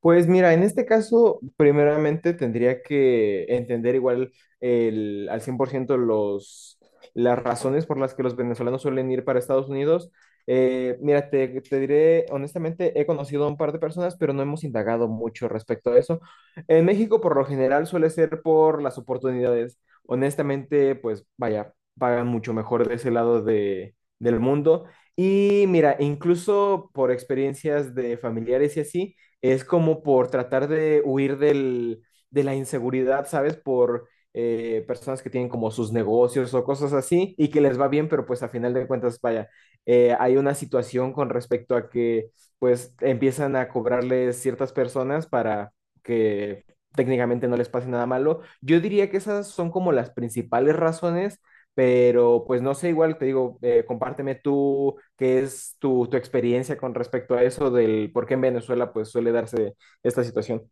Pues mira, en este caso, primeramente tendría que entender igual el, al 100% los, las razones por las que los venezolanos suelen ir para Estados Unidos. Mira, te diré, honestamente, he conocido a un par de personas, pero no hemos indagado mucho respecto a eso. En México, por lo general, suele ser por las oportunidades. Honestamente, pues vaya, pagan mucho mejor de ese lado de, del mundo. Y mira, incluso por experiencias de familiares y así es como por tratar de huir del, de la inseguridad, ¿sabes? Por personas que tienen como sus negocios o cosas así y que les va bien, pero pues a final de cuentas, vaya, hay una situación con respecto a que pues empiezan a cobrarles ciertas personas para que técnicamente no les pase nada malo. Yo diría que esas son como las principales razones, pero pues no sé, igual te digo, compárteme tú qué es tu experiencia con respecto a eso del por qué en Venezuela pues suele darse esta situación.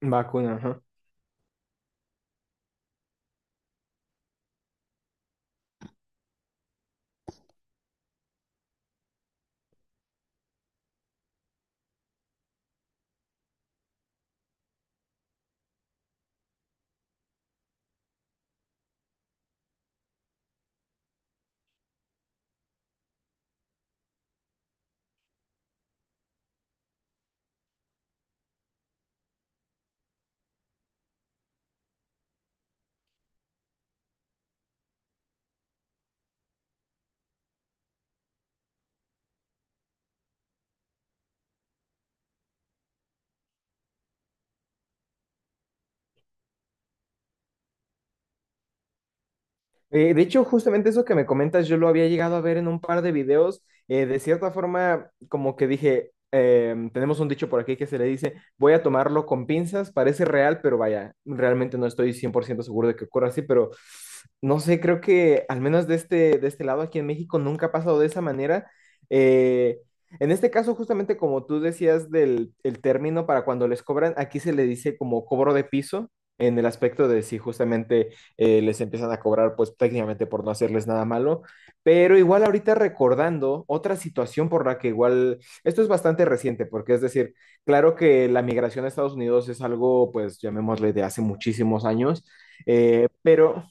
Vacuna, ajá. De hecho, justamente eso que me comentas, yo lo había llegado a ver en un par de videos. De cierta forma, como que dije, tenemos un dicho por aquí que se le dice, voy a tomarlo con pinzas, parece real, pero vaya, realmente no estoy 100% seguro de que ocurra así, pero no sé, creo que al menos de este lado aquí en México nunca ha pasado de esa manera. Eh, en este caso, justamente como tú decías del el término para cuando les cobran, aquí se le dice como cobro de piso. En el aspecto de si justamente les empiezan a cobrar pues técnicamente por no hacerles nada malo, pero igual ahorita recordando otra situación por la que igual, esto es bastante reciente, porque es decir, claro que la migración a Estados Unidos es algo pues llamémosle de hace muchísimos años, pero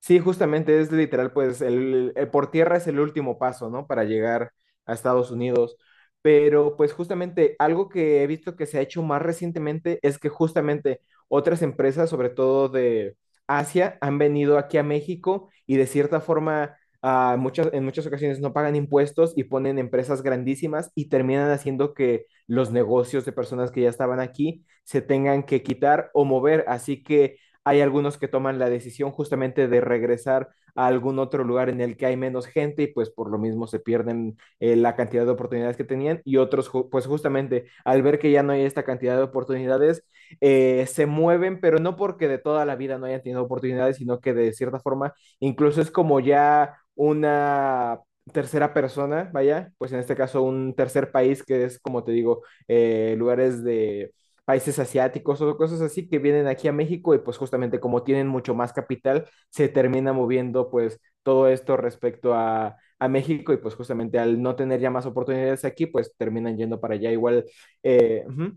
sí, justamente es literal, pues el, por tierra es el último paso, ¿no? Para llegar a Estados Unidos. Pero pues justamente algo que he visto que se ha hecho más recientemente es que justamente otras empresas, sobre todo de Asia, han venido aquí a México y de cierta forma en muchas ocasiones no pagan impuestos y ponen empresas grandísimas y terminan haciendo que los negocios de personas que ya estaban aquí se tengan que quitar o mover. Así que hay algunos que toman la decisión justamente de regresar a algún otro lugar en el que hay menos gente y pues por lo mismo se pierden la cantidad de oportunidades que tenían, y otros pues justamente al ver que ya no hay esta cantidad de oportunidades se mueven, pero no porque de toda la vida no hayan tenido oportunidades, sino que de cierta forma incluso es como ya una tercera persona, vaya, pues en este caso un tercer país que es, como te digo, lugares de países asiáticos o cosas así que vienen aquí a México, y pues justamente como tienen mucho más capital, se termina moviendo pues todo esto respecto a México y pues justamente al no tener ya más oportunidades aquí, pues terminan yendo para allá igual. Ujú.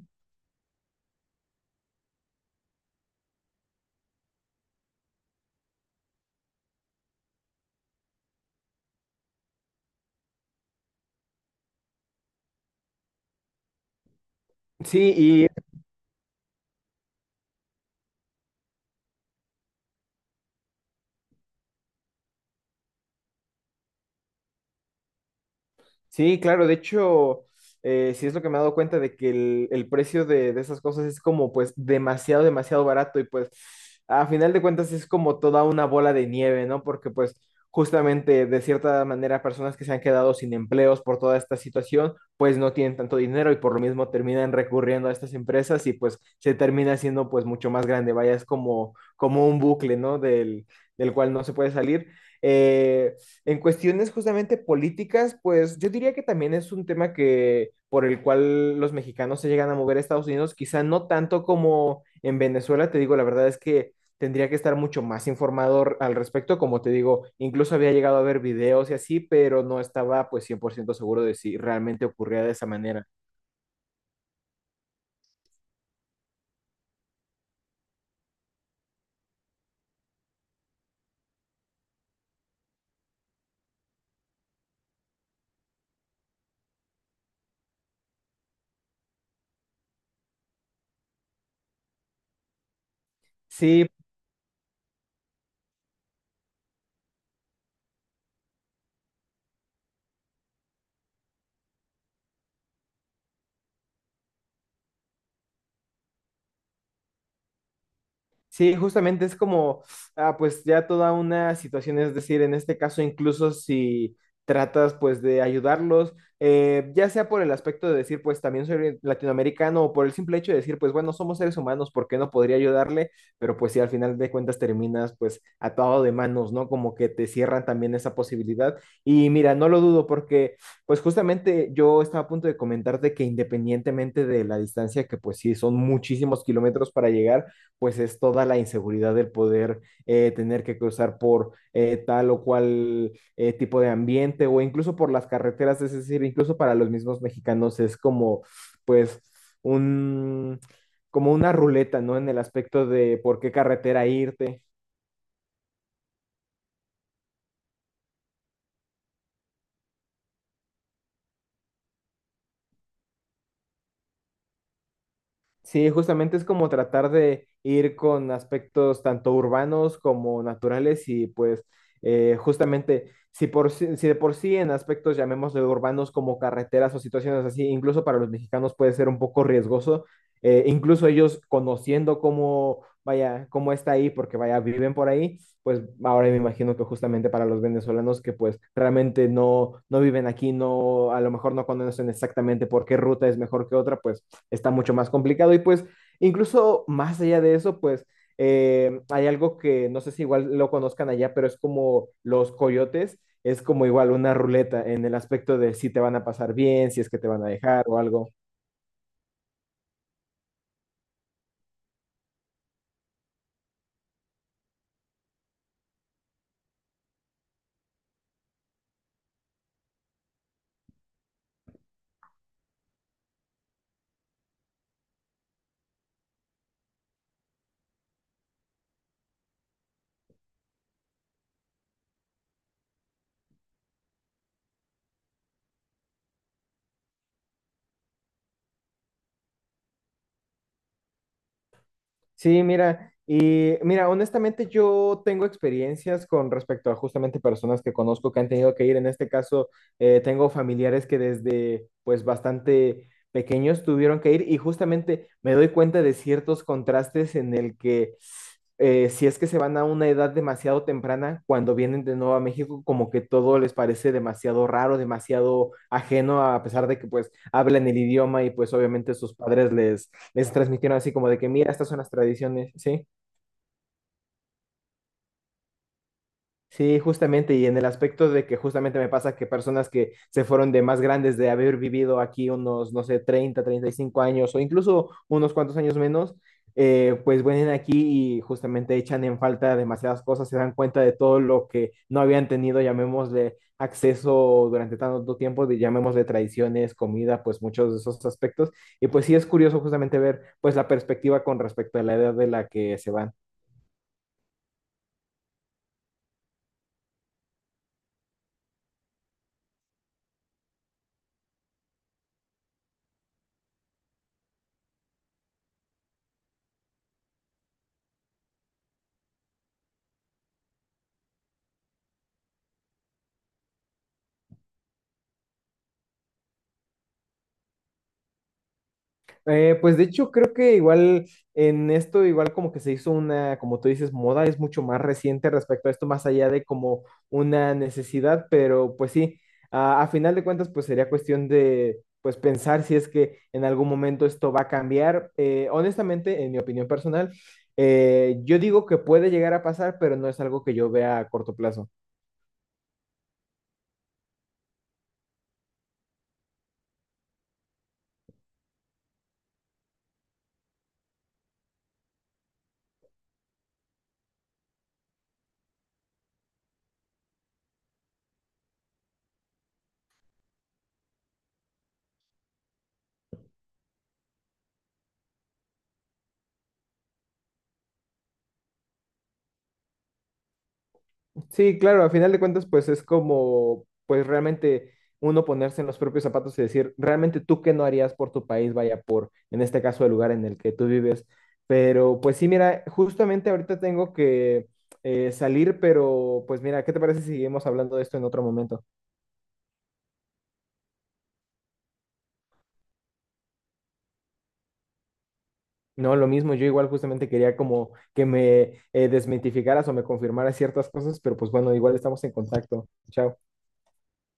Sí, y sí, claro, de hecho, sí es lo que me he dado cuenta de que el precio de esas cosas es como pues demasiado, demasiado barato y pues a final de cuentas es como toda una bola de nieve, ¿no? Porque pues justamente de cierta manera personas que se han quedado sin empleos por toda esta situación pues no tienen tanto dinero y por lo mismo terminan recurriendo a estas empresas y pues se termina siendo pues mucho más grande, vaya, es como, como un bucle, ¿no? Del, del cual no se puede salir. Eh, en cuestiones justamente políticas, pues yo diría que también es un tema que por el cual los mexicanos se llegan a mover a Estados Unidos, quizá no tanto como en Venezuela, te digo, la verdad es que tendría que estar mucho más informado al respecto, como te digo, incluso había llegado a ver videos y así, pero no estaba pues 100% seguro de si realmente ocurría de esa manera. Sí, sí, justamente es como, ah, pues ya toda una situación, es decir, en este caso incluso si tratas pues de ayudarlos, ya sea por el aspecto de decir pues también soy latinoamericano o por el simple hecho de decir pues bueno, somos seres humanos, ¿por qué no podría ayudarle? Pero pues si al final de cuentas terminas pues atado de manos, ¿no? Como que te cierran también esa posibilidad. Y mira, no lo dudo porque pues justamente yo estaba a punto de comentarte que independientemente de la distancia, que pues sí, son muchísimos kilómetros para llegar, pues es toda la inseguridad del poder tener que cruzar por tal o cual tipo de ambiente o incluso por las carreteras, es decir, incluso para los mismos mexicanos es como pues un como una ruleta, ¿no? En el aspecto de por qué carretera irte, sí, justamente es como tratar de ir con aspectos tanto urbanos como naturales y pues justamente si, por, si de por sí en aspectos llamémosle urbanos como carreteras o situaciones así, incluso para los mexicanos puede ser un poco riesgoso, incluso ellos conociendo cómo, vaya, cómo está ahí, porque vaya, viven por ahí, pues ahora me imagino que justamente para los venezolanos que pues realmente no, no viven aquí, no, a lo mejor no conocen exactamente por qué ruta es mejor que otra, pues está mucho más complicado. Y pues, incluso más allá de eso, pues hay algo que no sé si igual lo conozcan allá, pero es como los coyotes, es como igual una ruleta en el aspecto de si te van a pasar bien, si es que te van a dejar o algo. Sí, mira, y mira, honestamente yo tengo experiencias con respecto a justamente personas que conozco que han tenido que ir. En este caso, tengo familiares que desde pues bastante pequeños tuvieron que ir y justamente me doy cuenta de ciertos contrastes en el que si es que se van a una edad demasiado temprana, cuando vienen de nuevo a México, como que todo les parece demasiado raro, demasiado ajeno, a pesar de que pues hablan el idioma y pues obviamente sus padres les transmitieron así como de que, mira, estas son las tradiciones, ¿sí? Sí, justamente, y en el aspecto de que justamente me pasa que personas que se fueron de más grandes, de haber vivido aquí unos, no sé, 35 años o incluso unos cuantos años menos, pues vienen aquí y justamente echan en falta demasiadas cosas, se dan cuenta de todo lo que no habían tenido, llamémosle acceso durante tanto tiempo, de, llamémosle tradiciones, comida, pues muchos de esos aspectos. Y pues sí es curioso justamente ver pues la perspectiva con respecto a la edad de la que se van. Pues de hecho creo que igual en esto igual como que se hizo una, como tú dices, moda es mucho más reciente respecto a esto, más allá de como una necesidad, pero pues sí, a final de cuentas pues sería cuestión de pues pensar si es que en algún momento esto va a cambiar. Honestamente, en mi opinión personal, yo digo que puede llegar a pasar, pero no es algo que yo vea a corto plazo. Sí, claro, a final de cuentas, pues es como, pues realmente uno ponerse en los propios zapatos y decir, realmente tú qué no harías por tu país, vaya por, en este caso, el lugar en el que tú vives. Pero pues sí, mira, justamente ahorita tengo que salir, pero pues mira, ¿qué te parece si seguimos hablando de esto en otro momento? No, lo mismo, yo igual justamente quería como que me desmitificaras o me confirmaras ciertas cosas, pero pues bueno, igual estamos en contacto. Chao.